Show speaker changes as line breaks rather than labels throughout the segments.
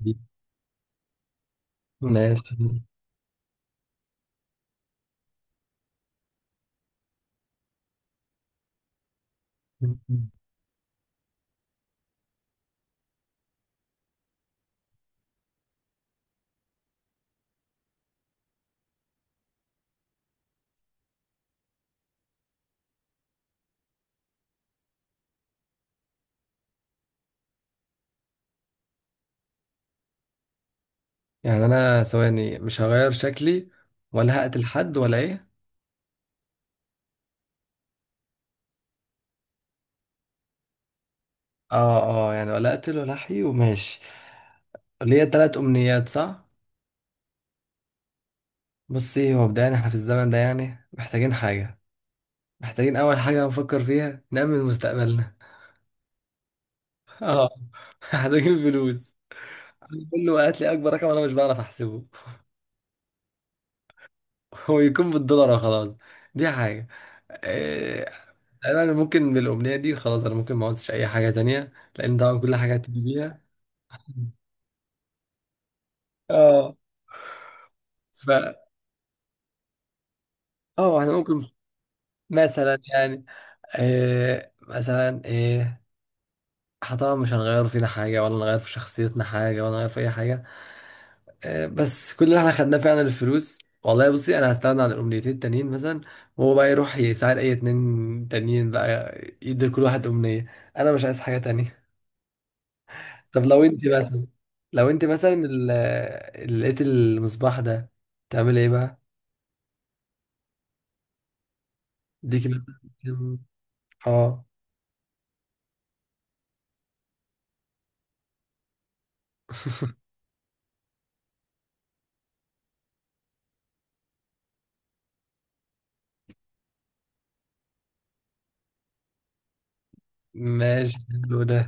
ماشي. يعني انا ثواني مش هغير شكلي ولا هقتل حد ولا ايه. اه اه يعني ولا اقتل ولا احيي وماشي. ليا تلات امنيات صح. بصي، هو مبدئيا احنا في الزمن ده يعني محتاجين حاجة. محتاجين اول حاجة نفكر فيها نأمن مستقبلنا. اه، محتاجين فلوس. كله قالت لي اكبر رقم انا مش بعرف احسبه. هو يكون بالدولار خلاص. دي حاجة. آه، انا ممكن بالامنية دي خلاص، انا ممكن ما اقعدش اي حاجة تانية، لان طبعا كل حاجة هتيجي بيها. اه. ف اه احنا ممكن مثلا، يعني إيه مثلا، ايه احنا طبعا مش هنغير فينا حاجة ولا نغير في شخصيتنا حاجة ولا نغير في أي حاجة. إيه بس كل اللي احنا خدناه فعلا الفلوس. والله بصي، أنا هستغنى عن الأمنيتين التانيين مثلا، وهو بقى يروح يساعد أي اتنين تانيين بقى، يدي لكل واحد أمنية. أنا مش عايز حاجة تانية. طب لو انت مثلا، لو انت مثلا ال- اللي لقيت المصباح ده تعمل ايه بقى؟ ديكي مثلا كام- اه ماشي، حلو ده.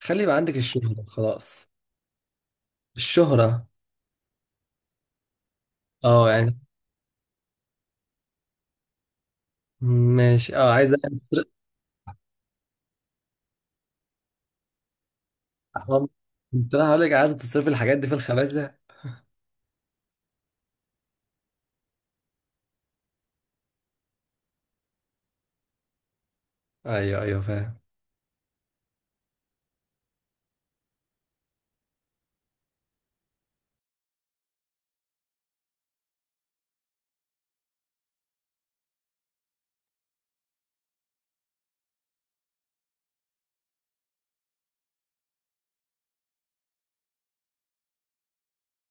خلي يبقى عندك الشهرة خلاص. الشهرة. اه يعني. ماشي، اه عايزة تصرف. اه، كنت انا هقول لك عايزة تصرف الحاجات دي في الخبازة. ايوه ايوه فاهم.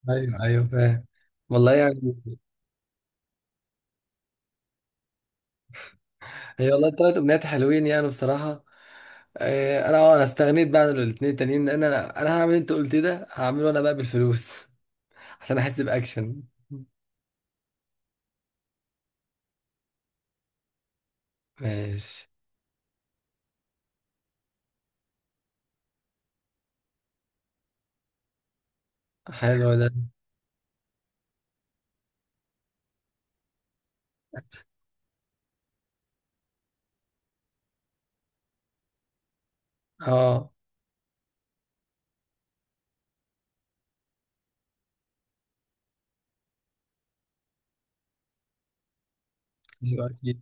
ايوه ايوه فاهم. والله يعني. هي والله التلات امنيات حلوين يعني بصراحة. انا اه انا استغنيت بقى عن الاتنين التانيين، لان انا هعمل اللي انت قلت ده، هعمله انا بقى بالفلوس، عشان احس باكشن. ماشي، حلو ده. اه حلو اكيد.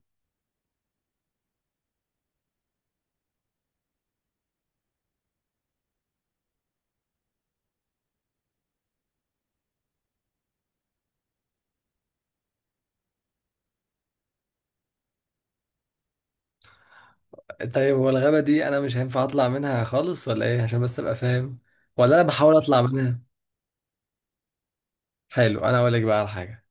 طيب هو الغابة دي انا مش هينفع اطلع منها خالص ولا ايه؟ عشان بس ابقى فاهم، ولا انا بحاول اطلع منها؟ حلو، انا اقول لك بقى على حاجة.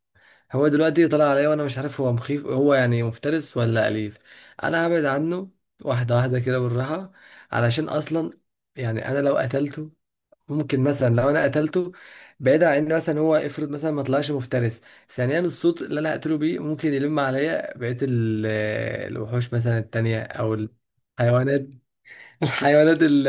هو دلوقتي طلع عليا وانا مش عارف هو مخيف، هو يعني مفترس ولا اليف. انا هبعد عنه واحدة واحدة كده بالراحة، علشان اصلا يعني انا لو قتلته، ممكن مثلا لو انا قتلته، بعيدا عن ان مثلا هو افرض مثلا ما طلعش مفترس، ثانيا الصوت اللي انا هقتله بيه ممكن يلم عليا الوحوش مثلا التانية، او الحيوانات، الحيوانات ال-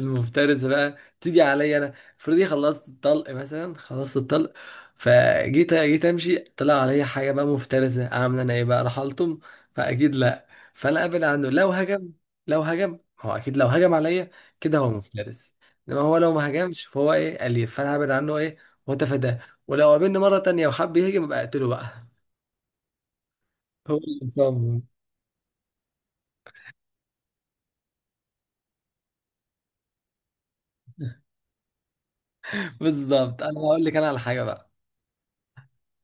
المفترسة بقى تيجي عليا انا. افرضي خلصت الطلق مثلا، خلصت الطلق، فجيت جيت امشي طلع عليا حاجة بقى مفترسة، عاملة انا ايه بقى؟ راح الطم؟ فاكيد لا. فانا ابعد عنه، لو هجم، لو هجم هو، اكيد لو هجم عليا كده هو مفترس. انما هو لو ما هجمش فهو ايه، اليف، فانا هبعد عنه ايه واتفاداه. ولو قابلني مرة تانية وحب يهجم، ابقى اقتله بقى. هو اللي فاهم. بالظبط، انا هقول لك انا على حاجة بقى.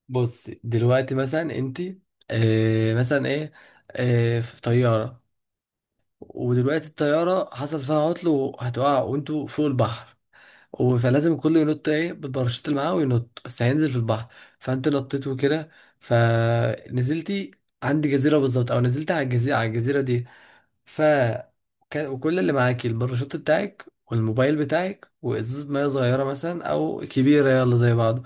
بص دلوقتي مثلا انت، آه مثلا ايه آه في طيارة، ودلوقتي الطيارة حصل فيها عطل وهتقع وانتوا فوق البحر، فلازم الكل ينط ايه، بالباراشوت اللي معاه وينط، بس هينزل في البحر. فانت نطيت وكده، فنزلتي عند جزيرة بالظبط، او نزلت على الجزيرة، على الجزيرة دي. ف وكل اللي معاكي الباراشوت بتاعك والموبايل بتاعك وازازة مية صغيرة مثلا او كبيرة يلا زي بعض.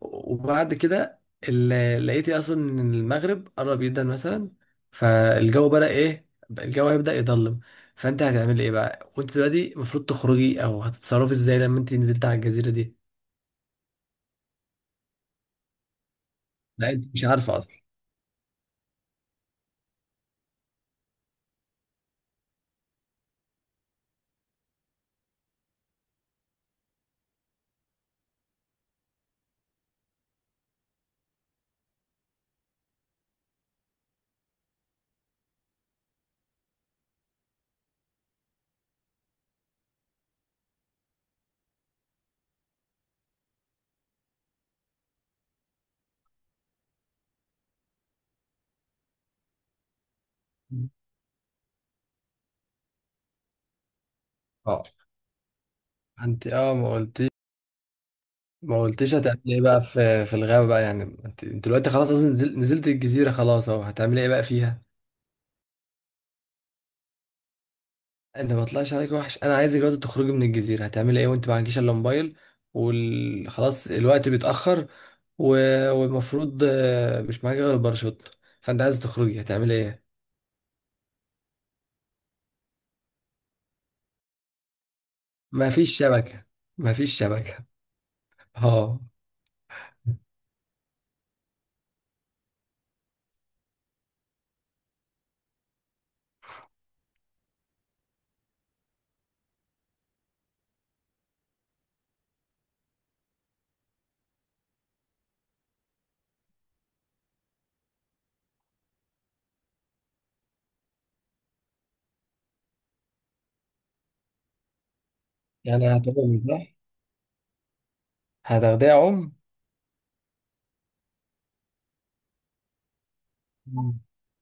وبعد كده لقيتي اصلا ان المغرب قرب جدا مثلا، فالجو بدأ ايه، الجو هيبدأ يضلم. فانت هتعملي ايه بقى، وانت دلوقتي المفروض تخرجي، او هتتصرفي ازاي لما انت نزلت على الجزيرة دي؟ لا انت مش عارفة اصلا. اه انت اه ما قلت، ما قلتش هتعمل ايه بقى في في الغابة بقى. يعني انت انت دلوقتي خلاص اصلا نزلت الجزيرة خلاص اهو، هتعمل ايه بقى فيها؟ انت ما طلعش عليك وحش، انا عايزك دلوقتي تخرجي من الجزيرة، هتعمل ايه وانت معكيش الا موبايل، وخلاص الوقت بيتأخر، والمفروض مش معاك غير الباراشوت، فانت عايز تخرجي هتعمل ايه؟ ما فيش شبكة. ما فيش شبكة. اه يعني هتاخدي صح، هتاخديها ام.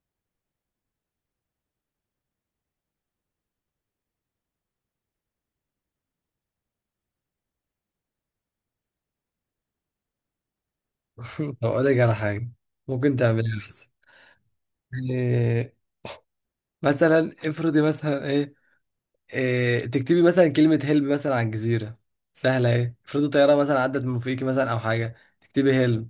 طب اقول لك على حاجة، ممكن تعملها احسن يعني. مثلا افرضي مثلا ايه، إيه تكتبي مثلا كلمة هلب مثلا على الجزيرة سهلة ايه. افرضي طيارة مثلا عدت من فوقيكي مثلا او حاجة، تكتبي هلب.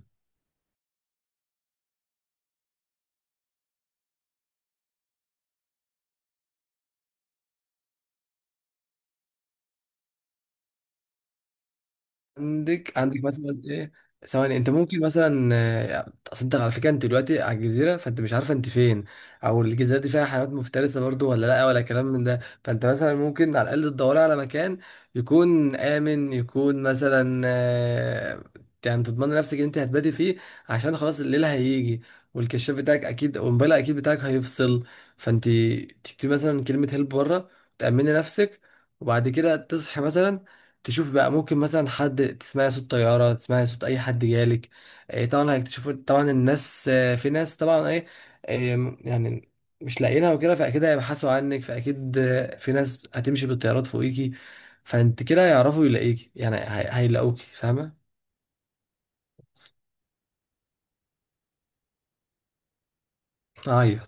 عندك مثلا ايه. ثواني، انت ممكن مثلا آه، اصدق على فكره انت دلوقتي على الجزيره فانت مش عارفه انت فين، او الجزيره دي فيها حيوانات مفترسه برضو ولا لا ولا كلام من ده. فانت مثلا ممكن على الاقل تدوري على مكان يكون امن، يكون مثلا آه، يعني تضمن نفسك ان انت هتباتي فيه، عشان خلاص الليل هيجي، والكشاف بتاعك اكيد والموبايل اكيد بتاعك هيفصل. فانت تكتبي مثلا كلمه هيلب بره، تامني نفسك، وبعد كده تصحي مثلا، تشوف بقى ممكن مثلا حد، تسمعي صوت طيارة، تسمعي صوت أي حد جالك. إيه طبعا هيكتشفوا طبعا الناس آه، في ناس طبعا إيه، يعني مش لاقيينها وكده، فأكيد هيبحثوا عنك، فأكيد آه، في ناس هتمشي بالطيارات فوقيكي، فأنت كده هيعرفوا يلاقيكي، يعني هيلاقوكي، فاهمة؟ أيوه.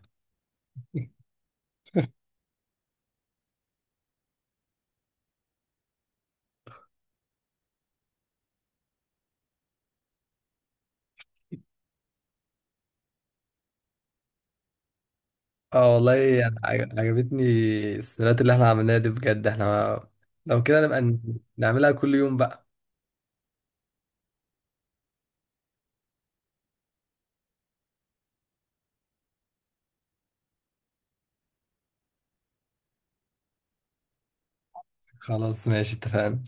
اه والله يعني عجبتني السيناريوهات اللي احنا عملناها دي بجد. احنا لو كده نبقى نعملها كل يوم بقى. خلاص ماشي اتفقنا.